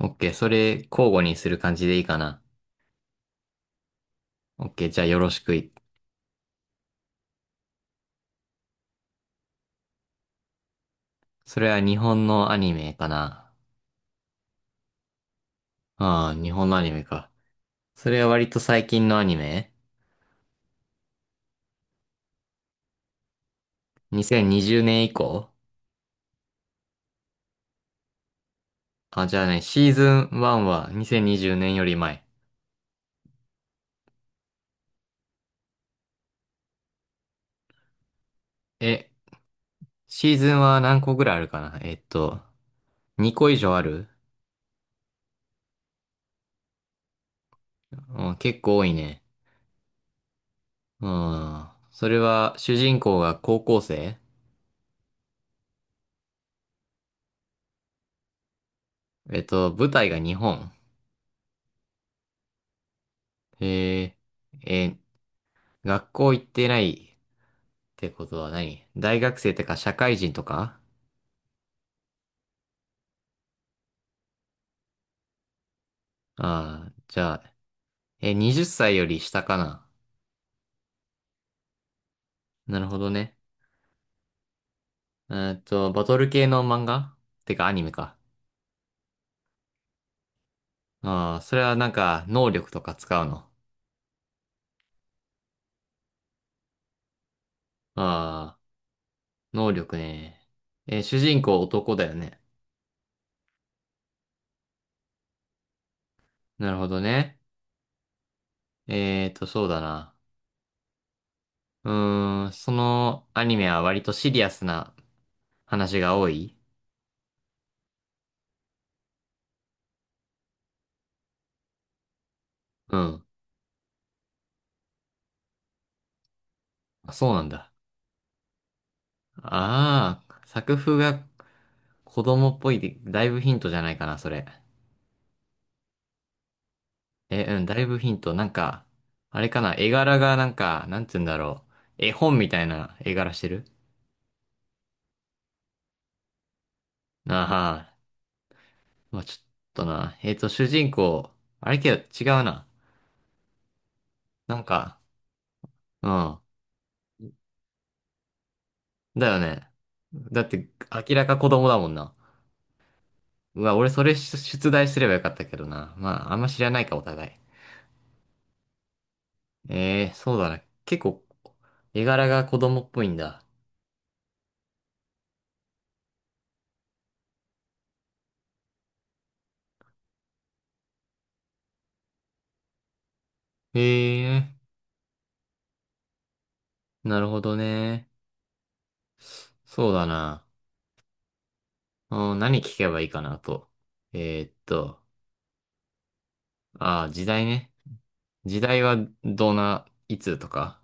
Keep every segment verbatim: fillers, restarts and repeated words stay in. オッケー、それ交互にする感じでいいかな。オッケー、じゃあよろしくい。それは日本のアニメかな。ああ、日本のアニメか。それは割と最近のアニメ。 にせんにじゅう 年以降？あ、じゃあね、シーズンワンはにせんにじゅうねんより前。え、シーズンは何個ぐらいあるかな。えっと、にこ以上ある？うん、結構多いね。うん。それは主人公が高校生？えっと、舞台が日本。えー、えー、学校行ってない。てことは何？大学生とか社会人とか？ああー、じゃあ、え、はたちより下かな。なるほどね。えーっと、バトル系の漫画、てかアニメか。ああ、それはなんか能力とか使うの？ああ、能力ね。えー主人公男だよね。なるほどね。えーっと、そうだな。うーん、そのアニメは割とシリアスな話が多い？うん。あ、そうなんだ。ああ、作風が子供っぽいで、だいぶヒントじゃないかな、それ。え、うん、だいぶヒント。なんか、あれかな、絵柄がなんか、なんて言うんだろう。絵本みたいな絵柄してる？ああ、まあちょっとな。えっと、主人公、あれけど違うな。なんか、うん。だよね。だって、明らか子供だもんな。うわ、俺それ出出題すればよかったけどな。まあ、あんま知らないか、お互い。ええー、そうだな。結構、絵柄が子供っぽいんだ。へえ、なるほどね。そうだな。うん、何聞けばいいかなと。えーっと、ああ、時代ね。時代はどんな、いつとか。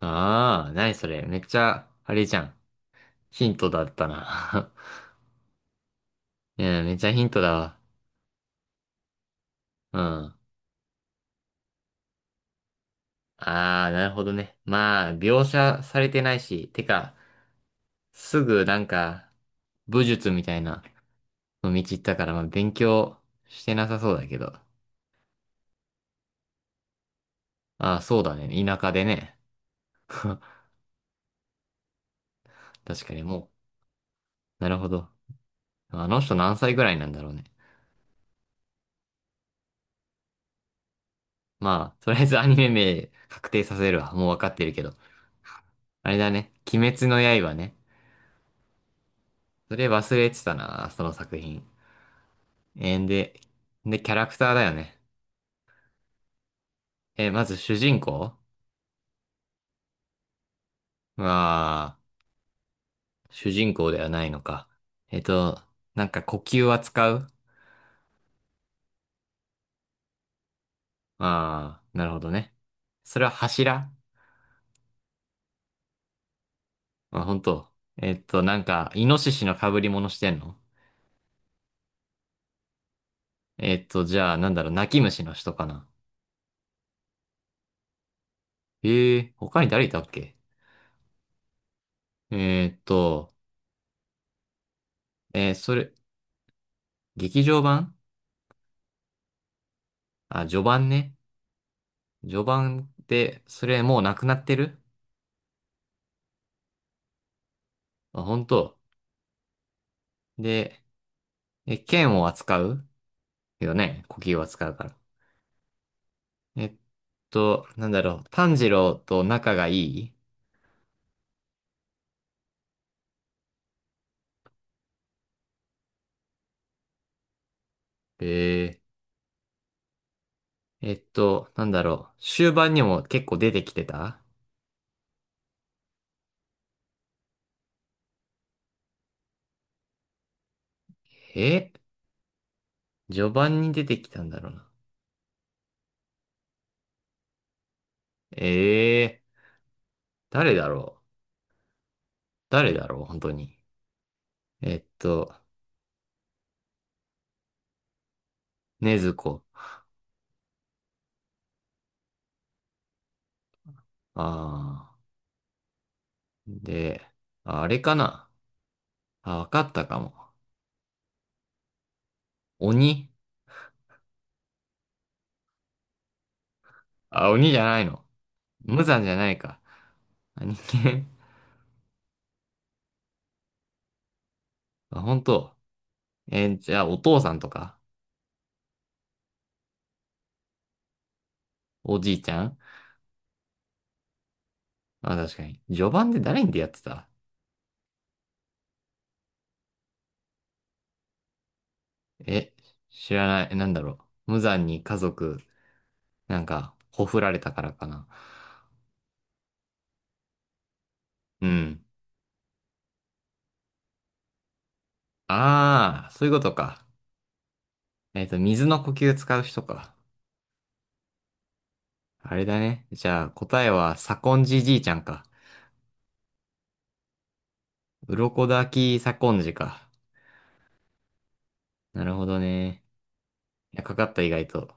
ああ、何それ。めっちゃ、あれじゃん。ヒントだったな。うん、めっちゃヒントだわ。うん。ああ、なるほどね。まあ、描写されてないし、てか、すぐなんか、武術みたいなの道行ったから、まあ、勉強してなさそうだけど。ああ、そうだね。田舎でね。確かにもう、なるほど。あの人何歳ぐらいなんだろうね。まあ、とりあえずアニメ名確定させるわ。もうわかってるけど。あれだね。鬼滅の刃ね。それ忘れてたな、その作品。えー、で、で、キャラクターだよね。えーまず主人公？まあ、主人公ではないのか。えっと、なんか呼吸は使う？ああー、なるほどね。それは柱？まあ、本当。えっと、なんか、イノシシの被り物してんの？えっと、じゃあ、なんだろう、泣き虫の人かな。ええ他に誰いたっけ？えっと、えーそれ、劇場版？あ、序盤ね。序盤って、それもうなくなってる？あ、本当。で、え、剣を扱うよね。呼吸を扱うから。えっと、なんだろう、炭治郎と仲がいい？えええっと、なんだろう、終盤にも結構出てきてた？えー序盤に出てきたんだろうな。ええ誰だろう、誰だろう、本当に。えっと、ねずこ。ああ。で、ああれかな。あ、わかったかも。鬼？あ、鬼じゃないの。無惨じゃないか。あ、人間。あ、本当。えーじゃあ、お父さんとかおじいちゃん？あ、確かに。序盤で誰に出会ってた？え、知らない。なんだろう。無惨に家族、なんか、ほふられたからかな。うん。ああ、そういうことか。えっと、水の呼吸使う人か。あれだね。じゃあ答えは左近ンじいちゃんか。鱗滝左近次か。なるほどね。いや、かかった意外と。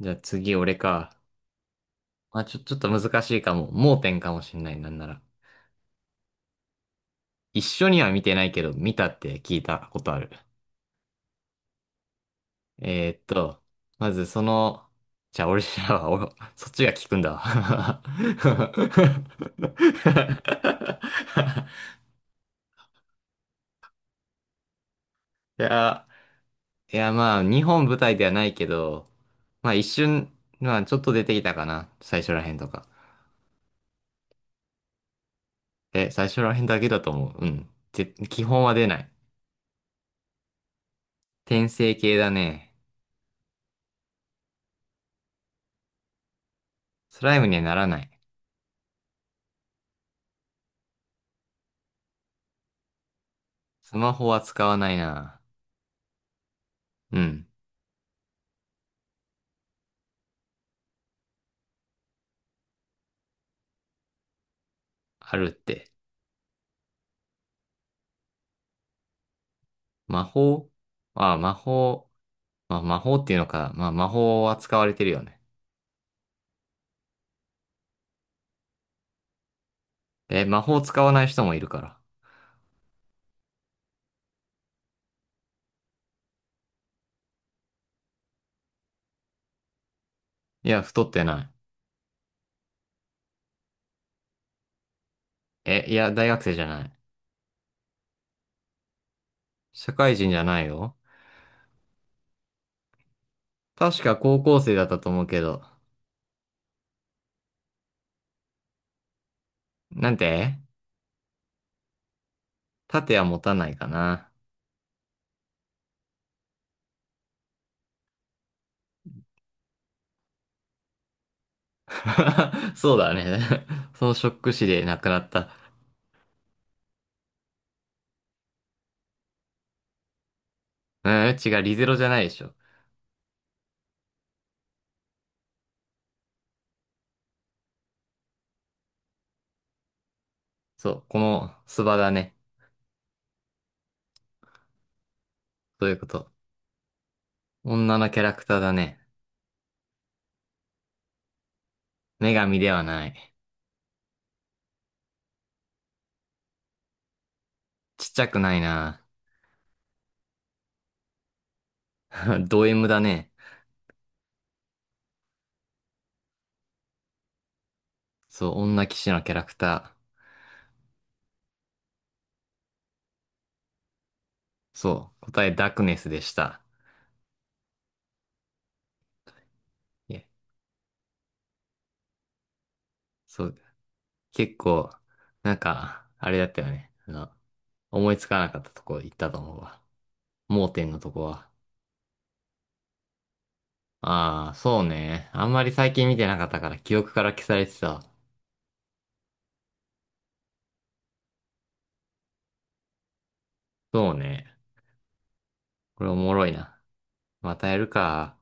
じゃあ次俺か。まあちょ、ちょっと難しいかも。盲点かもしんないなんなら。一緒には見てないけど、見たって聞いたことある。えーっと、まずその、じゃあ俺らは、お。そっちが聞くんだわ。いや、いや、まあ、日本舞台ではないけど、まあ一瞬、まあちょっと出てきたかな。最初らへんとか。え、最初らへんだけだと思う。うん。ぜ基本は出ない。転生系だね。スライムにはならない。スマホは使わないな。うん。あるって。魔法？ああ、魔法。まあ、魔法っていうのか。まあ、魔法は使われてるよね。え、魔法使わない人もいるから。いや、太ってない。え、いや、大学生じゃない。社会人じゃないよ。確か高校生だったと思うけど。なんて、盾は持たないかな。そうだね。そのショック死で亡くなった。うん、違う、リゼロじゃないでしょ。そう、このスバだね。そういうこと。女のキャラクターだね。女神ではない。ちっちゃくないな。ド M だね。そう、女騎士のキャラクター。そう、答えダークネスでした。いえ、そう、結構、なんか、あれだったよね。あの、思いつかなかったとこ行ったと思うわ。盲点のとこは。ああ、そうね。あんまり最近見てなかったから記憶から消されてたわ。そうね。これおもろいな。またやるか。